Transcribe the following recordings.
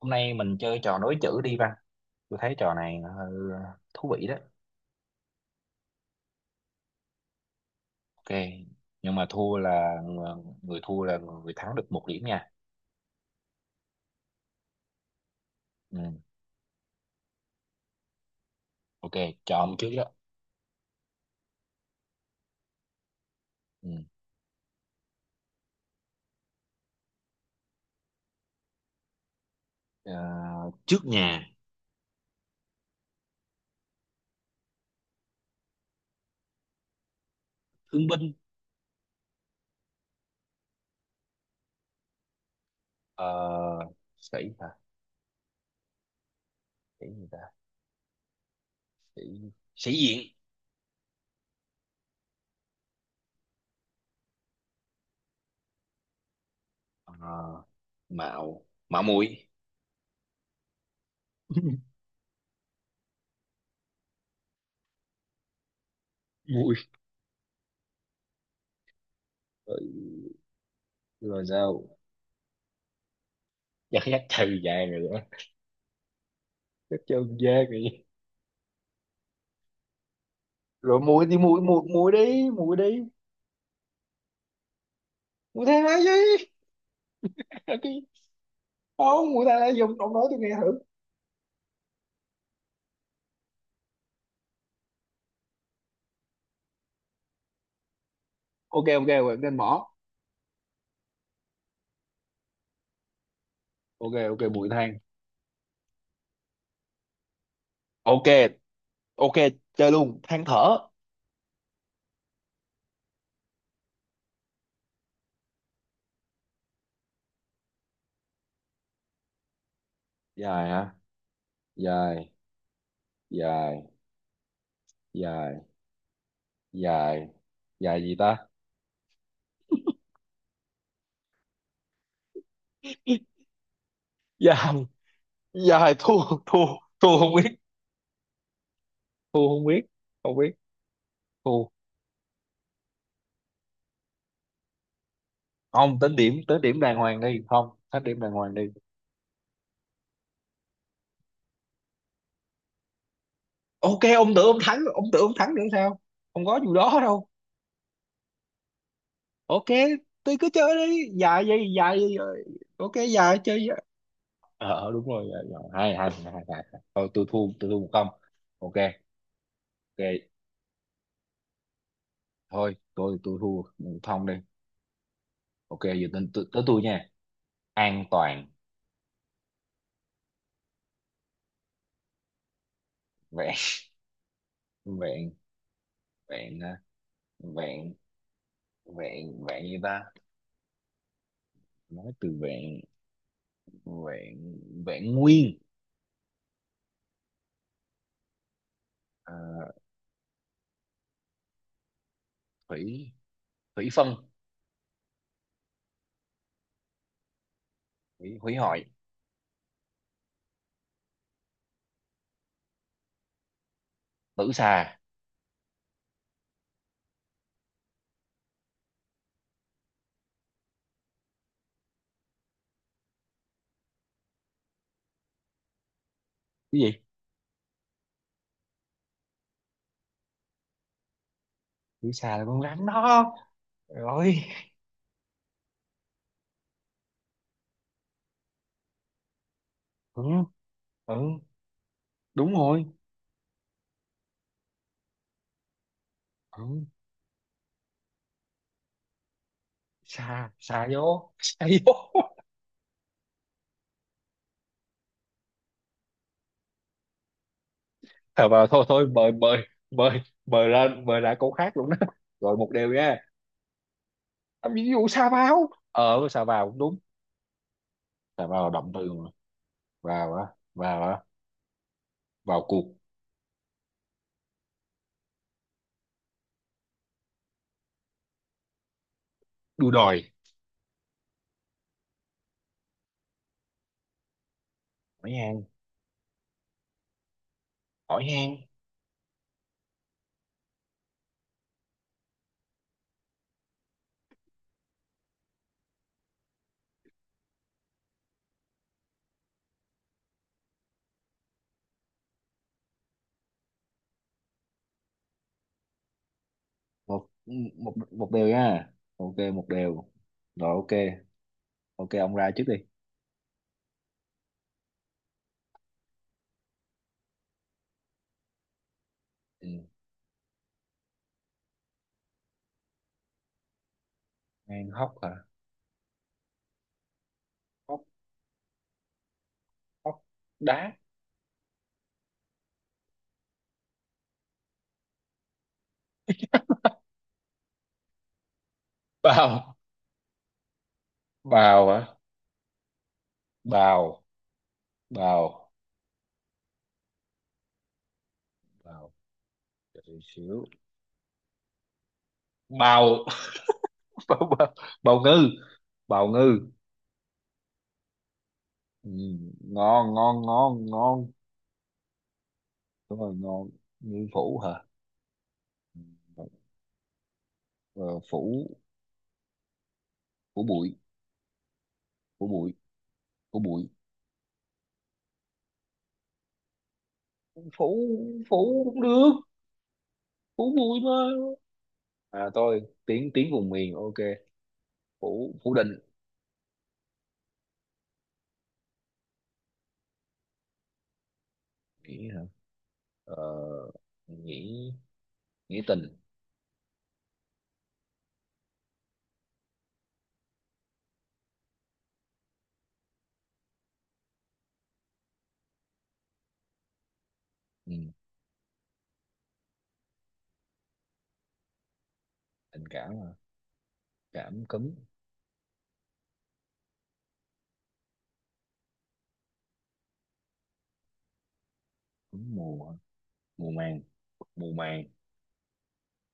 Hôm nay mình chơi trò nối chữ đi Văn. Tôi thấy trò này thú vị đó. Ok. Nhưng mà thua là người thua là người thắng được một điểm nha. Ừ. Ok, chọn trước đó. Ừ. Ờ, trước nhà, thương binh. Ờ, sĩ hả? Sĩ gì ta? Sĩ, sĩ diện. Ờ, mạo, mạo muội. Muội. Ừ, rồi sao? Chắc chắc trừ vàng rồi đó. Chắc trừ vàng rồi. Rồi muội đi, muội muội muội đi, muội đi. Muội thế nói gì? Không mũi than lá dung, ông nói tôi nghe thử. Ok, ok, vậy nên bỏ. Ok, ok, mũi than. Ok, ok, chơi luôn, than thở. Dài hả? Dài dài dài dài dài gì ta? dài Dài thua. thua Thua không biết. Thua không biết, không biết, thua. Không tính điểm, tính điểm đàng hoàng đi, không tính điểm đàng hoàng đi. Ok, ông tưởng ông thắng, ông tưởng ông thắng nữa sao? Không có vụ đó đâu. Ok, tôi cứ chơi đi. Dài gì? Ok, dài chơi. Đúng rồi. Ờ, Hai hai hai hai hai. Thôi tôi thua, tôi thua một không. Ok. Ok, thôi tôi thua một không đi. Ok, giờ tới tới tới tôi nha. An toàn vẹn. Vẹn, vẹn à, vẹn, vẹn gì ta? Nói từ vẹn. vẹn Vẹn nguyên. Ờ, thủy, thủy phân, thủy hủy hoại, tử xà. Cái gì? Tử xà là con rắn đó. Rồi. Ừ. Ừ đúng rồi. Ừ. xà xà vô, xà vô. Thôi vào thôi, thôi mời mời, mời, mời ra, mời ra câu khác luôn đó. Rồi một điều nha. À, ví dụ sa vào, sa vào cũng đúng. Sa vào là động từ mà. vào á Vào á, vào cuộc đua, đòi hỏi han, hỏi han. Một Một, một điều nha. Ok, một điều. Rồi ok. Ok, ông ra trước đi. Ừ. Han hóc hả? Hóc, hóc đá, bào. Bào hả? Bào bào Bào. Đợi xíu. Bào. bào bào, bào ngư, bào ngư. Ừ, ngon ngon ngon ngon. Đúng rồi, ngon. Như phủ hả? Ờ, phủ, phủ bụi phủ bụi phủ bụi, phủ, phủ cũng được, phủ bụi mà. À, tôi tiếng tiếng vùng miền. Ok, phủ, phủ định. Nghĩ hả? ờ, nghĩ, nghĩ tình. Ừ, tình cảm hả? Cảm cúm, cúm mùa hả? mùa màng mùa màng,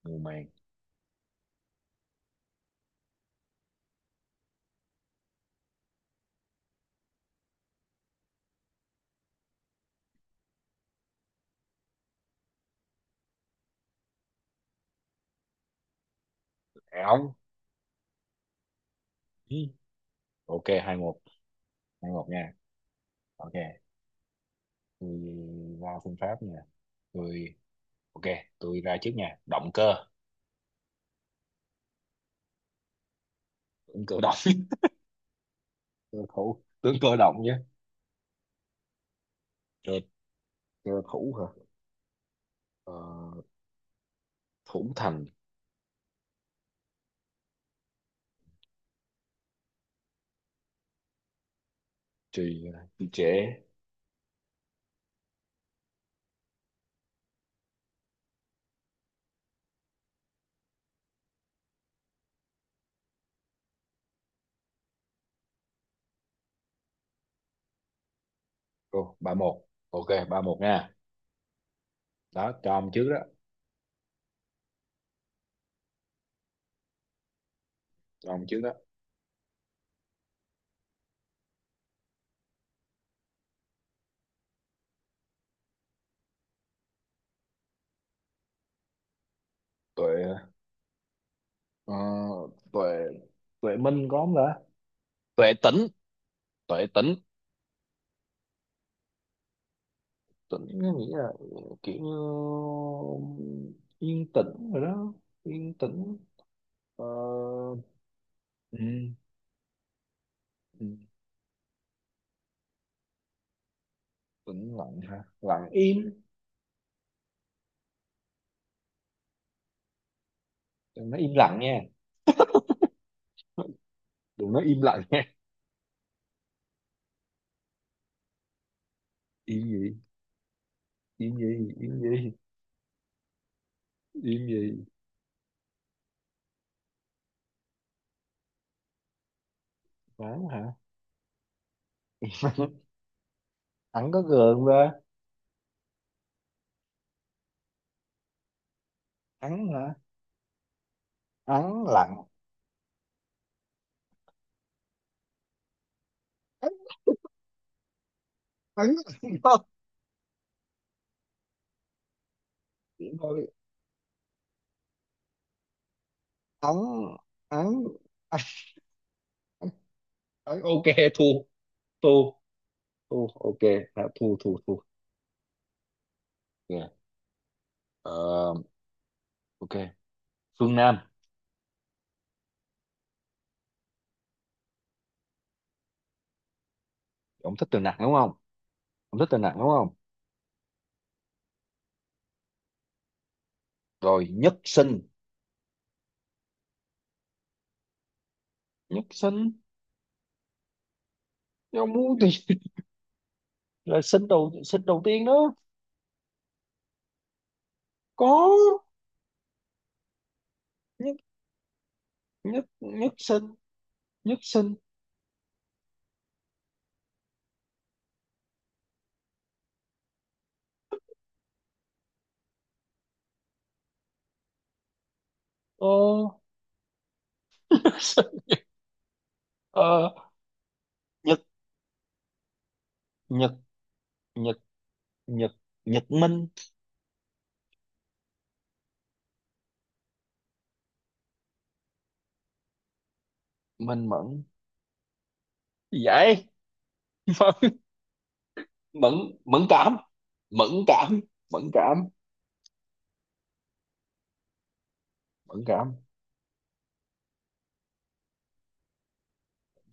mùa màng, áo. Ừ, ok hai một, hai một nha. Ok, tôi ra phương pháp nha. Tôi, ok, tôi ra trước nha. Động cơ, ứng cử động. Cơ thủ tướng, cơ động nhé. Cơ, cơ thủ hả? Ờ, thủ thành, trì, trì trệ. Ồ, 3-1. Ok, ba một nha. Đó, cho ông trước đó. Cho ông trước đó. Tuệ, ờ, tuệ, tuệ minh có không ta? Tuệ tĩnh. Tuệ tĩnh. Tĩnh nó nghĩa là kiểu như yên tĩnh rồi đó. Yên tĩnh. Ờ, ừ, ừ, tĩnh lặng hả? Lặng im. Nó im lặng nha. Đừng nói im lặng nha. Im gì, im gì im gì im gì? Ắng hả? Ắng có gượng ra. Ắng hả? Ắng lặng. Ắng. ắng Thôi ắng, ắng ắng ok, thu, thu thu ok, đã thu thu thu. Yeah. Ờ, ok, Phương Nam. Ông thích từ nặng đúng không? Ông thích từ nặng đúng không? Rồi, nhất sinh, nhất sinh. Ông muốn thì là sinh đầu, sinh đầu tiên đó. Có. Nhất nhất Nhất sinh, nhất sinh. ờ ờ, Nhật, Nhật Nhật Nhật Nhật Minh. Minh Mẫn gì vậy? Mẫn. Mẫn. Mẫn cảm Mẫn cảm Mẫn cảm Mẫn cảm.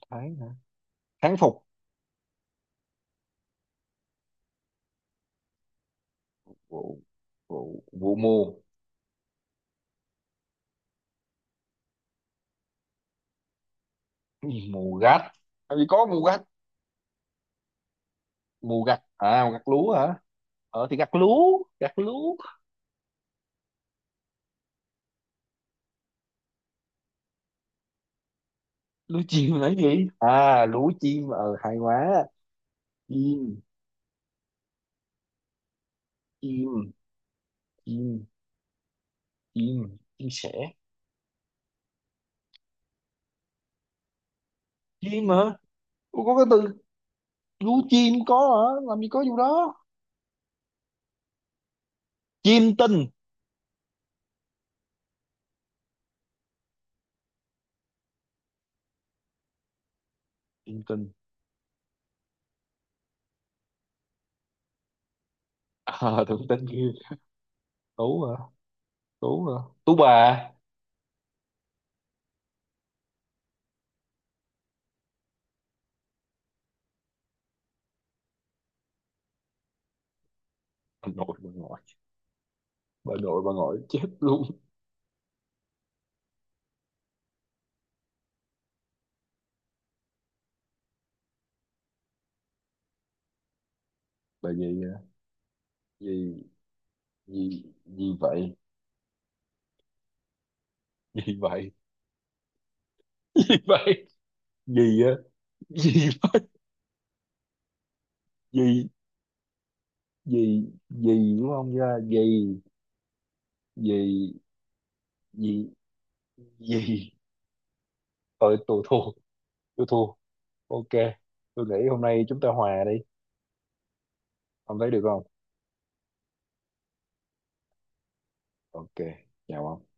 Tháng hả? Tháng phục vụ. Vụ, mùa. Cái gì mùa gặt? Làm gì có mùa gặt? Mùa gặt à, mùa gặt lúa hả? Ờ thì gặt lúa, gặt lúa. Lúa chim là cái gì? À, lúa chim ờ hay quá. Chim, chim chim chim chim sẻ. Chim hả? Ủa, có cái từ lú chim có hả? Làm gì có vụ đó. Chim tinh. Chim tinh. À, tưởng tinh kia. Tú hả? Tú hả, tú bà. Bà nội, bà ngoại. Bà nội bà ngoại chết luôn. Bà gì à? Gì, gì vậy, gì vậy. Gì vậy, gì á, gì, gì, gì gì đúng không, ra gì gì gì gì. Tôi thua, tôi thua. Ok, tôi nghĩ hôm nay chúng ta hòa đi. Ông thấy được không? Ok, chào ông.